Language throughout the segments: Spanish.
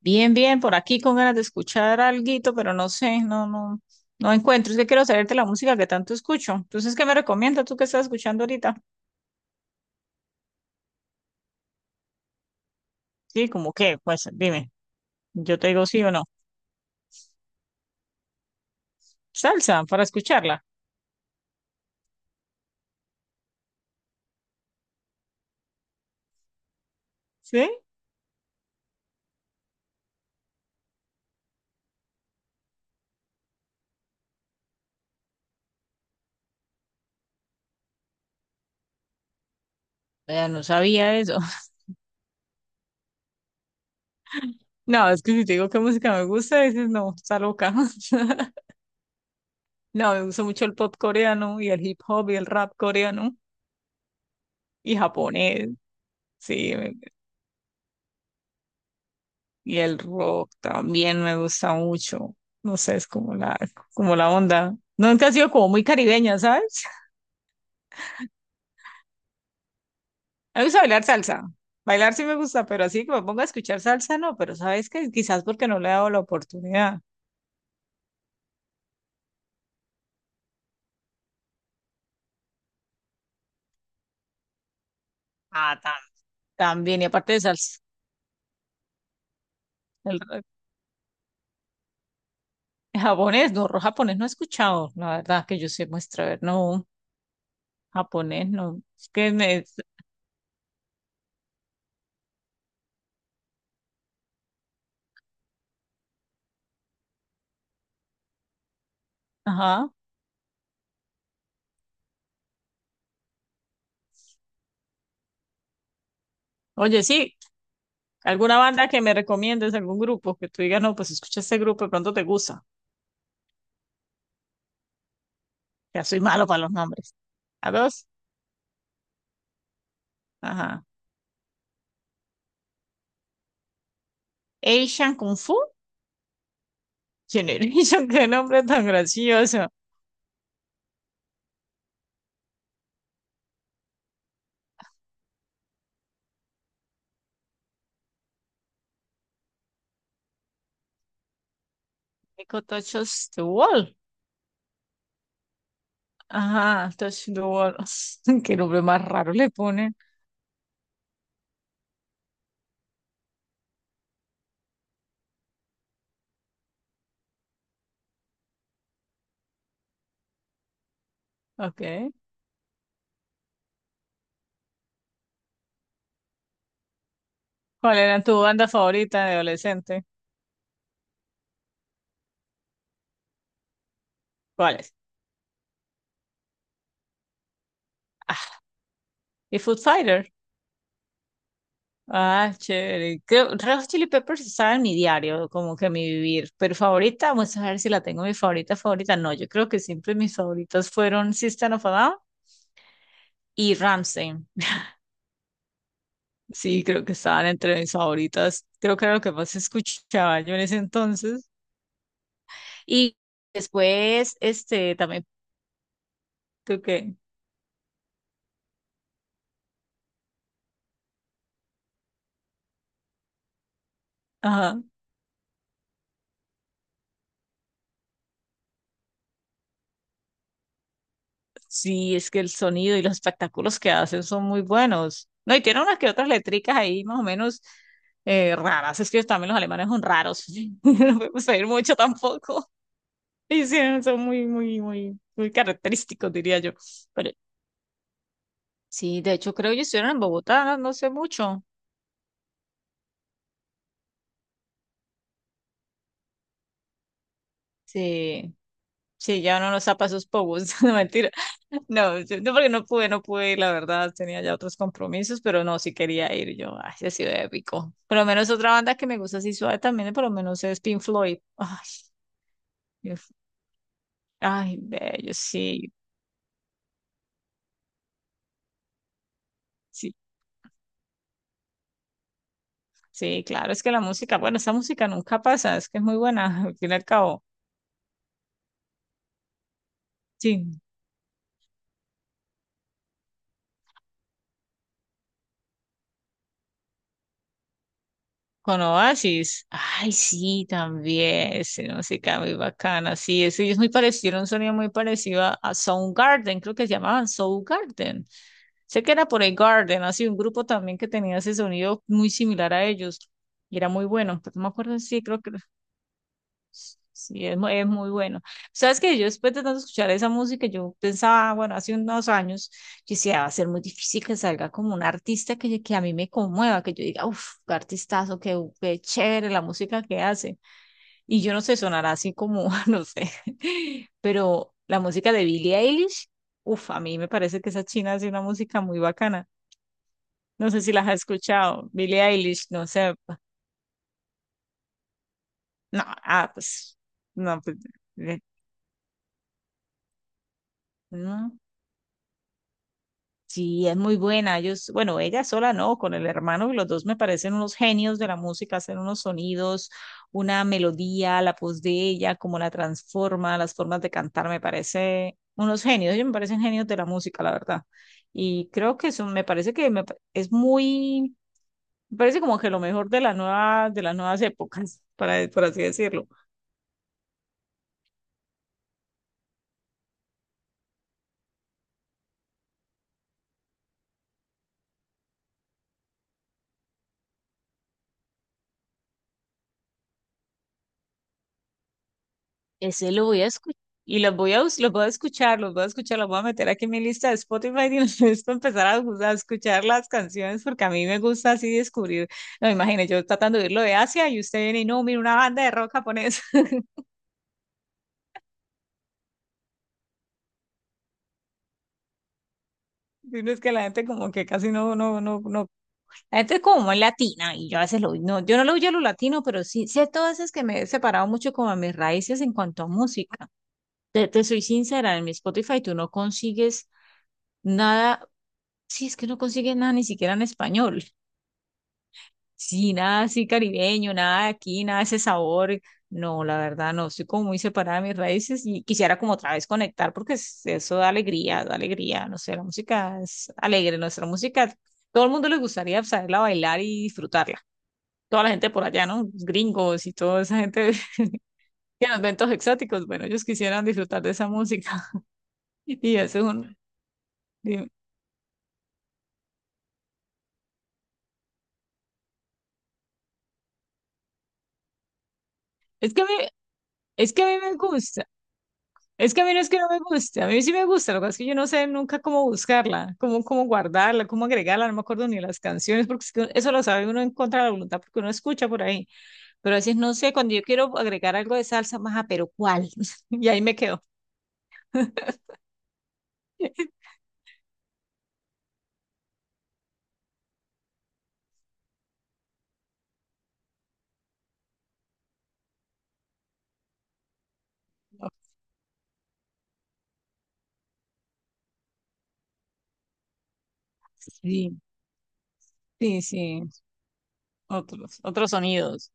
Bien, bien, por aquí con ganas de escuchar alguito, pero no sé, no, no, no encuentro. Es que quiero saberte la música que tanto escucho. Entonces, ¿qué me recomiendas tú que estás escuchando ahorita? Sí, como qué, pues dime, yo te digo sí o no. Salsa para escucharla. ¿Sí? Vea, no sabía eso. No, es que si te digo qué música me gusta, dices no, está loca. No, me gusta mucho el pop coreano y el hip hop y el rap coreano y japonés. Sí, y el rock también me gusta mucho. No sé, es como la onda. Nunca he sido como muy caribeña, ¿sabes? A mí me gusta bailar salsa. Bailar sí me gusta, pero así que me ponga a escuchar salsa, no. Pero sabes que quizás porque no le he dado la oportunidad. Ah, también. Y aparte de salsa, el re- japonés, no, japonés no he escuchado. La verdad que yo sé muestra, a ver, no, japonés no. Es que me. Ajá. Oye, sí, alguna banda que me recomiendes, algún grupo que tú digas, no, pues escucha este grupo, de pronto te gusta. Ya soy malo para los nombres. A dos. Ajá. Asian Kung Fu Generation. Qué nombre tan gracioso. Eco Touches the Wall. Ajá. Touch the Wall. Qué nombre más raro le ponen. Ok. ¿Cuál era tu banda favorita de adolescente? ¿Cuál es? Ah, y Food Fighter. Ah, chévere. Creo, Red Hot Chili Peppers estaba en mi diario, como que mi vivir. Pero favorita, vamos a ver si la tengo mi favorita, favorita. No, yo creo que siempre mis favoritas fueron System of a Down y Ramsey. Sí, creo que estaban entre mis favoritas. Creo que era lo que más escuchaba yo en ese entonces. Y después, este, también creo que, ajá, sí, es que el sonido y los espectáculos que hacen son muy buenos. No, y tiene unas que otras letricas ahí más o menos, raras. Es que también los alemanes son raros. No podemos pedir mucho tampoco. Y sí, son muy, muy, muy, muy característicos, diría yo. Pero sí, de hecho, creo que ellos estuvieron en Bogotá, no, no sé mucho. Sí. Sí, ya uno no zapa sus pogos, no mentira. No, no, porque no pude, no pude ir, la verdad, tenía ya otros compromisos, pero no, sí quería ir yo. Ay, sí ha sido épico. Por lo menos otra banda que me gusta así suave también, por lo menos es Pink Floyd. Ay, Dios. Ay, bello, sí, sí, sí, claro, es que la música, bueno, esa música nunca pasa, es que es muy buena, al fin y al cabo. Sí, con Oasis. Ay, sí, también. Ese música muy bacana. Sí, ese es muy parecido, un sonido muy parecido a Soundgarden, creo que se llamaban Soundgarden. Sé que era por el Garden, así un grupo también que tenía ese sonido muy similar a ellos. Y era muy bueno, pero no me acuerdo, sí, creo que sí, es muy bueno. Sabes que yo después de tanto escuchar esa música, yo pensaba, bueno, hace unos años, yo decía, va a ser muy difícil que salga como un artista que a mí me conmueva, que yo diga, uff, qué artistazo, qué chévere la música que hace. Y yo no sé, sonará así como, no sé, pero la música de Billie Eilish, uff, a mí me parece que esa china hace una música muy bacana. No sé si las has escuchado, Billie Eilish, no sé, no, ah, pues, no, pues, eh, no. Sí, es muy buena. Ellos, bueno, ella sola no, con el hermano, los dos me parecen unos genios de la música, hacen unos sonidos, una melodía, la voz de ella, cómo la transforma, las formas de cantar, me parece unos genios. Ellos me parecen genios de la música, la verdad. Y creo que eso me parece que es muy, me parece como que lo mejor de la nueva, de las nuevas épocas, para, por así decirlo. Ese lo voy a escuchar y los voy a escuchar, los voy a meter aquí en mi lista de Spotify y los voy a empezar a escuchar las canciones porque a mí me gusta así descubrir. No, imagínate, yo tratando de irlo de Asia y usted viene y no, mira una banda de rock japonés. Y no es que la gente como que casi no, no, no, no. La gente es como muy latina y yo a veces no, yo no lo huyo a lo latino, pero sí, sí, todas veces que me he separado mucho como a mis raíces en cuanto a música. Te soy sincera, en mi Spotify tú no consigues nada. Sí, es que no consigue nada ni siquiera en español. Sí, nada así caribeño, nada de aquí, nada de ese sabor. No, la verdad, no, estoy como muy separada de mis raíces y quisiera como otra vez conectar porque eso da alegría, no sé, la música es alegre, nuestra música, todo el mundo le gustaría saberla bailar y disfrutarla. Toda la gente por allá, ¿no? Los gringos y toda esa gente que nos ven todos exóticos, bueno, ellos quisieran disfrutar de esa música. Y eso es un. Es que a es que a mí me gusta. Es que a mí no es que no me guste, a mí sí me gusta, lo que pasa es que yo no sé nunca cómo buscarla, cómo guardarla, cómo agregarla, no me acuerdo ni las canciones, porque es que eso lo sabe uno en contra de la voluntad, porque uno escucha por ahí, pero a veces no sé, cuando yo quiero agregar algo de salsa, maja, pero ¿cuál? Y ahí me quedo. Sí, sí, sí, otros sonidos.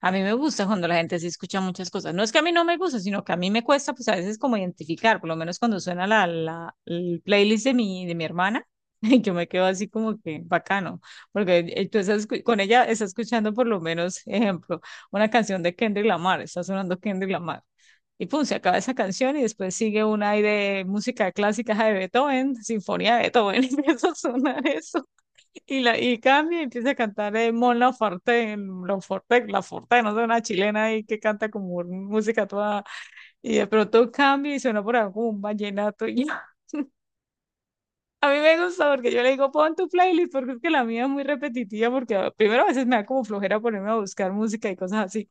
A mí me gusta cuando la gente así escucha muchas cosas. No es que a mí no me gusta, sino que a mí me cuesta, pues a veces como identificar, por lo menos cuando suena el playlist de mi hermana, yo me quedo así como que bacano, porque con ella está escuchando por lo menos, ejemplo, una canción de Kendrick Lamar, está sonando Kendrick Lamar. Y pum, se acaba esa canción y después sigue una ahí de música clásica de Beethoven, Sinfonía de Beethoven, y empieza a sonar eso. Y cambia y empieza a cantar Mon Laferte, Laferte, Laferte, no sé, una chilena ahí que canta como música toda, y de pronto cambia y suena por algún un vallenato. Y a mí me gusta porque yo le digo, pon tu playlist, porque es que la mía es muy repetitiva, porque primero a veces me da como flojera ponerme a buscar música y cosas así.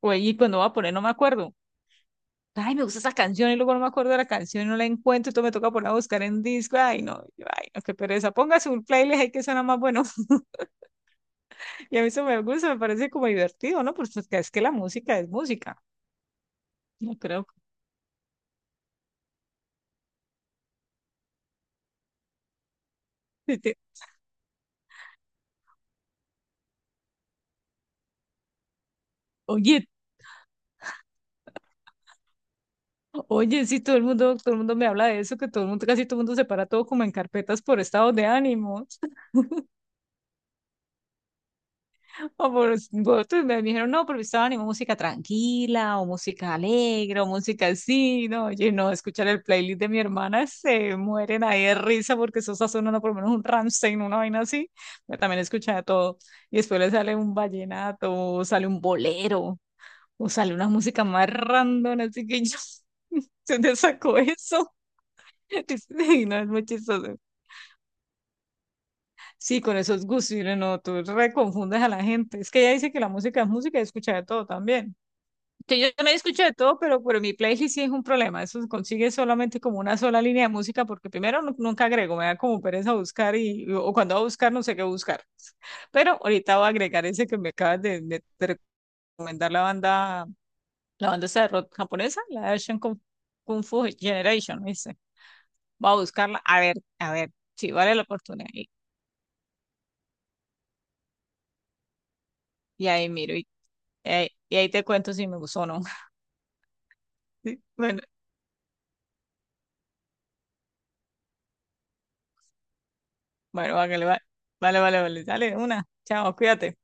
O, y cuando voy a poner no me acuerdo. Ay, me gusta esa canción y luego no me acuerdo de la canción y no la encuentro, entonces me toca ponerla a buscar en disco. Ay, no, yo, ay, no, qué pereza. Ponga su playlist ahí que suena más bueno. Y a mí eso me gusta, me parece como divertido, ¿no? Pues es que la música es música, no creo. Que oye, oye, sí, todo el mundo me habla de eso, que todo el mundo, casi todo el mundo separa todo como en carpetas por estados de ánimo. O por otros me dijeron, no, por mi estado de ánimo, música tranquila, o música alegre, o música así, no, oye, no, escuchar el playlist de mi hermana se mueren ahí de risa porque eso está sonando por lo menos un Rammstein, una vaina así. Yo también escuchaba todo. Y después le sale un vallenato, sale un bolero. O sale una música más random, así que yo, ¿se te sacó eso? Sí, no, es muy chistoso. Sí, con esos gustos, y no, tú reconfundes a la gente. Es que ella dice que la música es música y escucha de todo también. Que yo también escucho de todo, pero mi playlist sí es un problema. Eso se consigue solamente como una sola línea de música, porque primero nunca agrego, me da como pereza buscar y, o cuando voy a buscar no sé qué buscar. Pero ahorita voy a agregar ese que me acabas de, de recomendar la banda. La banda esa de rock japonesa, la de Asian Kung Fu Generation, me dice. Voy a buscarla, a ver, si vale la oportunidad. Y, ahí miro, y ahí te cuento si me gustó o no. Sí, bueno, bueno, vale, vale, vale, vale, vale, dale, una. Chao, cuídate.